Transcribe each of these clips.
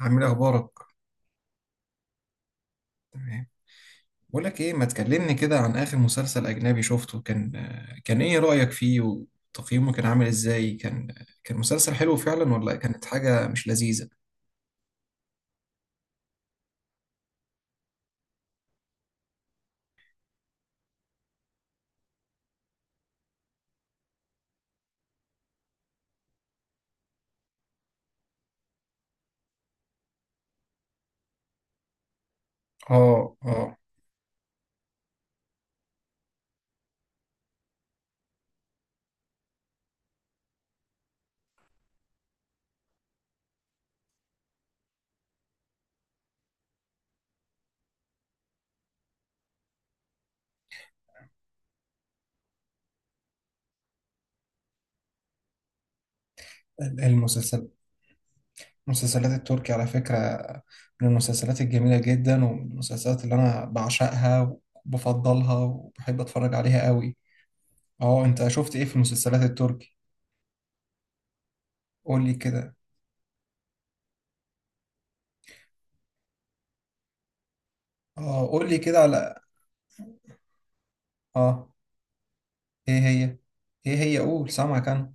عامل إيه اخبارك؟ تمام. بقول لك ايه، ما تكلمني كده عن اخر مسلسل اجنبي شفته. كان ايه رايك فيه وتقييمه، كان عامل ازاي. كان مسلسل حلو فعلا، ولا كانت حاجه مش لذيذه؟ اه، اه. المسلسل المسلسلات التركي على فكرة من المسلسلات الجميلة جدا، ومن المسلسلات اللي أنا بعشقها وبفضلها وبحب أتفرج عليها قوي. اه، أنت شفت إيه في المسلسلات التركي؟ قول لي كده. اه، قول لي كده على. اه، إيه هي؟ إيه هي؟ قول، سامعك أنا.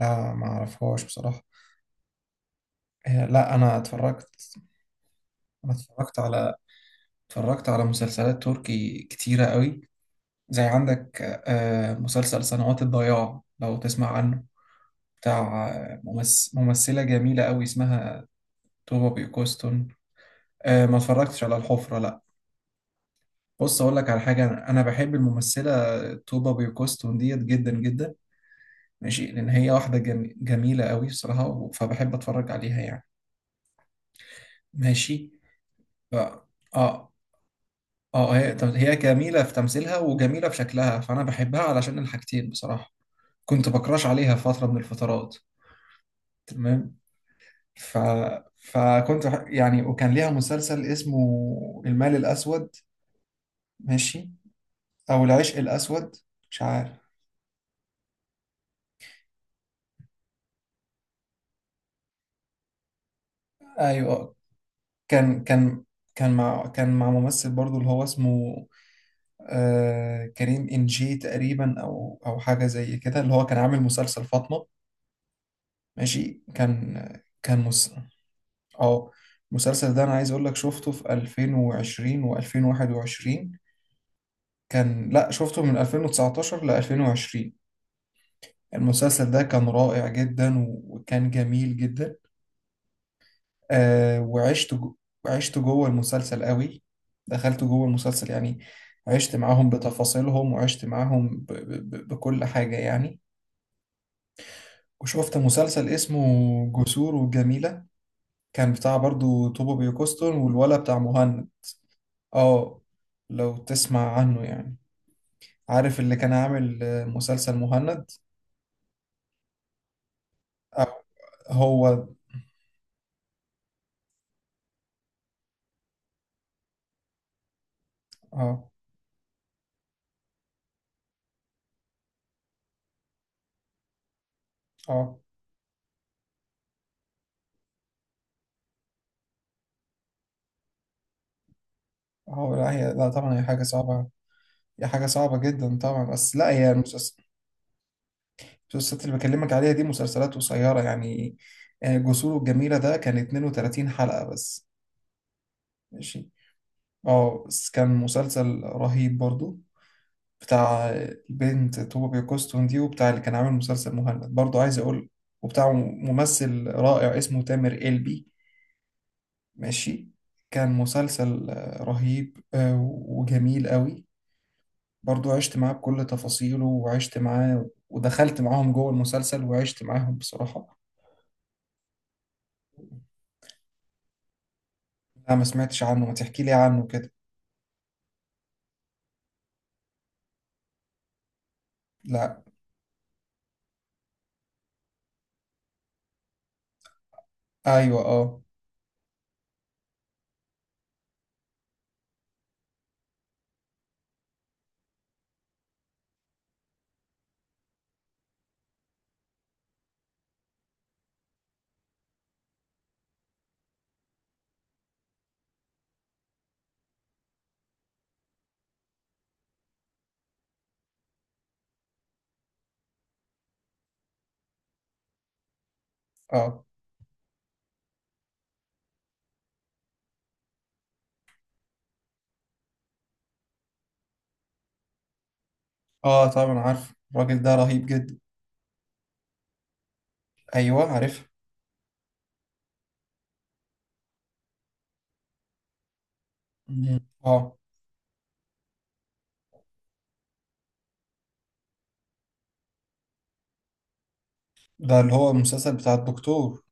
لا، ما اعرفهاش بصراحة. آه، لا، انا اتفرجت. انا اتفرجت على. اتفرجت على مسلسلات تركي كتيرة قوي. زي عندك مسلسل سنوات الضياع، لو تسمع عنه، بتاع ممثلة جميلة قوي اسمها توبا بيوكوستون. ما اتفرجتش على الحفرة، لا. بص اقول لك على حاجة، أنا بحب الممثلة توبا بيوكوستون ديت جدا جدا. ماشي. لان هي واحدة جميلة قوي بصراحة، فبحب اتفرج عليها يعني. ماشي. ف... اه، اه. طب هي جميلة في تمثيلها وجميلة في شكلها، فأنا بحبها علشان الحاجتين بصراحة. كنت بكراش عليها في فترة من الفترات. تمام. ف... يعني وكان ليها مسلسل اسمه المال الأسود. ماشي. أو العشق الأسود، مش عارف. أيوه، آه. كان كان مع ممثل برضو اللي هو اسمه كريم إنجي تقريبا، أو حاجة زي كده، اللي هو كان عامل مسلسل فاطمة. ماشي. اه. المسلسل ده انا عايز اقول لك شفته في 2020 و2021. لا، شفته من 2019 ل 2020. المسلسل ده كان رائع جدا وكان جميل جدا. آه وعشت جو... عشت جوه المسلسل قوي. دخلت جوه المسلسل يعني. عشت معاهم بتفاصيلهم، وعشت معاهم بكل حاجة يعني. وشفت مسلسل اسمه جسور وجميلة، كان بتاع برضو توبو بيوكوستون والولا بتاع مهند. اه، لو تسمع عنه يعني. عارف اللي كان عامل مسلسل مهند. آه، هو اه، اه. هو، لا، هي، لا، طبعا هي حاجة صعبة. هي حاجة صعبة جدا طبعا، بس لا. المسلسلات اللي بكلمك عليها دي مسلسلات قصيرة يعني. جسور الجميلة ده كان 32 حلقة بس. ماشي. اه، بس كان مسلسل رهيب برضو، بتاع البنت طوبة كوستون دي، وبتاع اللي كان عامل مسلسل مهند برضو، عايز أقول، وبتاع ممثل رائع اسمه تامر قلبي. ماشي. كان مسلسل رهيب، وجميل قوي. برضو عشت معاه بكل تفاصيله، وعشت معاه ودخلت معاهم جوه المسلسل، وعشت معاهم بصراحة. لا، ما سمعتش عنه، ما تحكي لي عنه كده. لا. ايوه، اه، اه. اه، طبعا عارف الراجل ده رهيب جدا. ايوه عارف. مم. اه، ده اللي هو المسلسل بتاع الدكتور.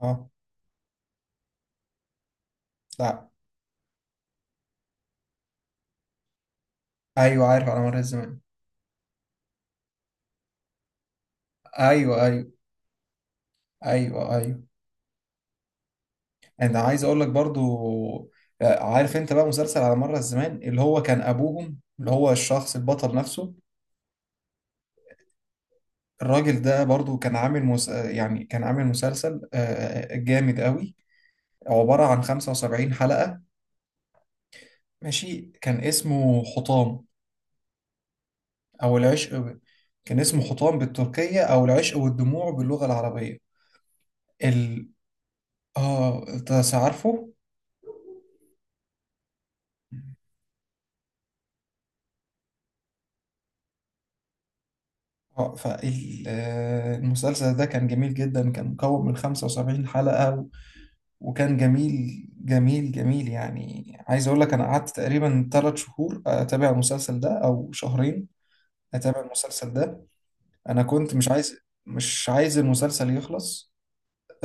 اه، لا. ايوه عارف على مر الزمان. ايوه، ايوه. ايوه، ايوه. انا عايز اقول لك برضو عارف انت بقى مسلسل على مر الزمان، اللي هو كان ابوهم اللي هو الشخص البطل نفسه. الراجل ده برضو كان عامل مس... آه، يعني كان عامل مسلسل جامد قوي. عبارة عن 75 حلقة. ماشي. كان اسمه حطام، او العشق ب... كان اسمه حطام بالتركية، او العشق والدموع باللغة العربية. ال... اه، انت عارفه. اه، فالمسلسل ده كان جميل جدا، كان مكون من 75 حلقة وكان جميل جميل جميل يعني. عايز اقول لك انا قعدت تقريبا 3 شهور اتابع المسلسل ده، او شهرين اتابع المسلسل ده. انا كنت مش عايز المسلسل يخلص،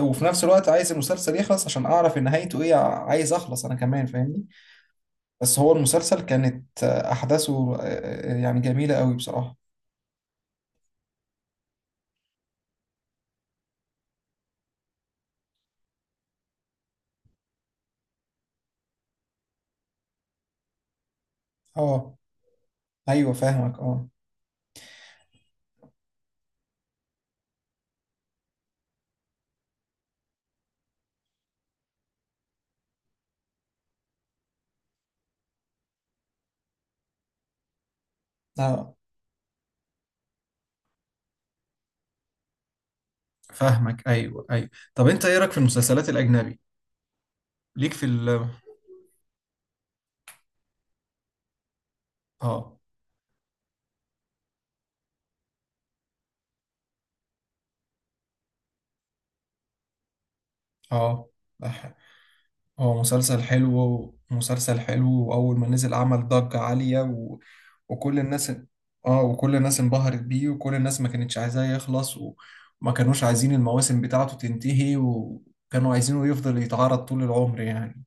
وفي نفس الوقت عايز المسلسل يخلص عشان اعرف إن نهايته ايه، عايز اخلص انا كمان، فاهمني. بس هو المسلسل كانت احداثه يعني جميلة قوي بصراحة. اه، ايوه فاهمك، اه. آه. فاهمك، ايوه، ايوه. طب انت ايه رايك في المسلسلات الاجنبي؟ ليك في ال اه، اه، ده هو مسلسل حلو، مسلسل حلو، واول ما نزل عمل ضجة عالية وكل الناس اه، وكل الناس انبهرت بيه، وكل الناس ما كانتش عايزاه يخلص وما كانوش عايزين المواسم بتاعته تنتهي، وكانوا عايزينه يفضل يتعرض طول العمر يعني.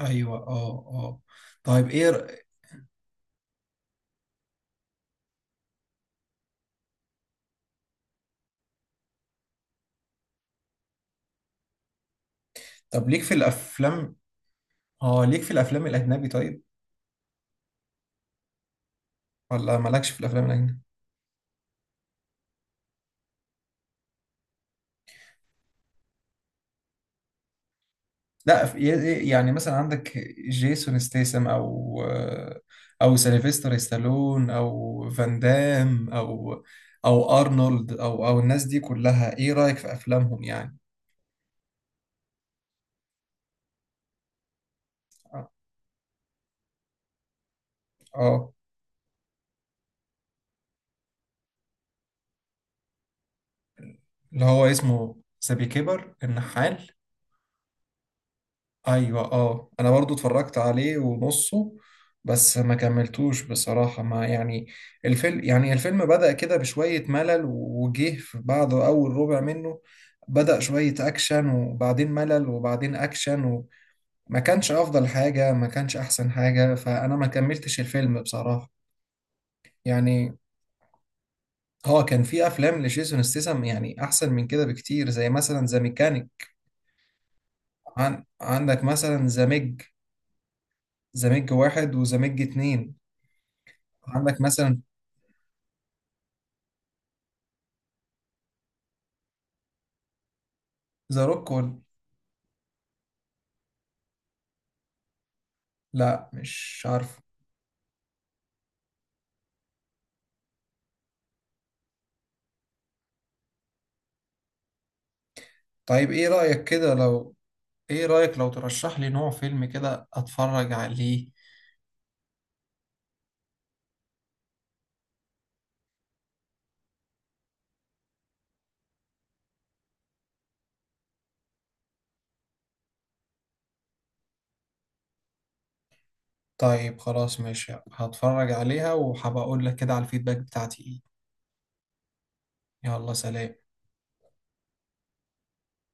ايوه، اه، اه. طيب ايه ر- طب ليك في الافلام؟ اه، ليك في الافلام الاجنبي طيب. ولا مالكش في الافلام الاجنبي؟ لا في- يعني مثلا عندك جيسون ستيسم، او او سيلفستر ستالون، او فان دام، او او ارنولد، او الناس دي كلها، ايه رايك في افلامهم يعني. اه. آه، اللي هو اسمه ذا بيكيبر النحال. ايوه، اه، انا برضو اتفرجت عليه ونصه، بس ما كملتوش بصراحة. ما يعني الفيلم، الفيلم بدأ كده بشوية ملل، وجه في بعده اول ربع منه بدأ شوية اكشن، وبعدين ملل، وبعدين اكشن. وما كانش افضل حاجة، ما كانش احسن حاجة، فانا ما كملتش الفيلم بصراحة يعني. هو كان في افلام لجيسون ستاثام يعني احسن من كده بكتير، زي مثلا ذا ميكانيك. عندك مثلا ذا ميج، ذا ميج واحد وذا ميج اتنين. عندك مثلا ذا روكول. لا، مش عارف. طيب ايه رأيك كده لو ايه رأيك لو ترشح لي نوع فيلم كده اتفرج عليه. طيب خلاص ماشي، هتفرج عليها وهبقى اقول لك كده على الفيدباك بتاعتي ايه. يلا، سلام.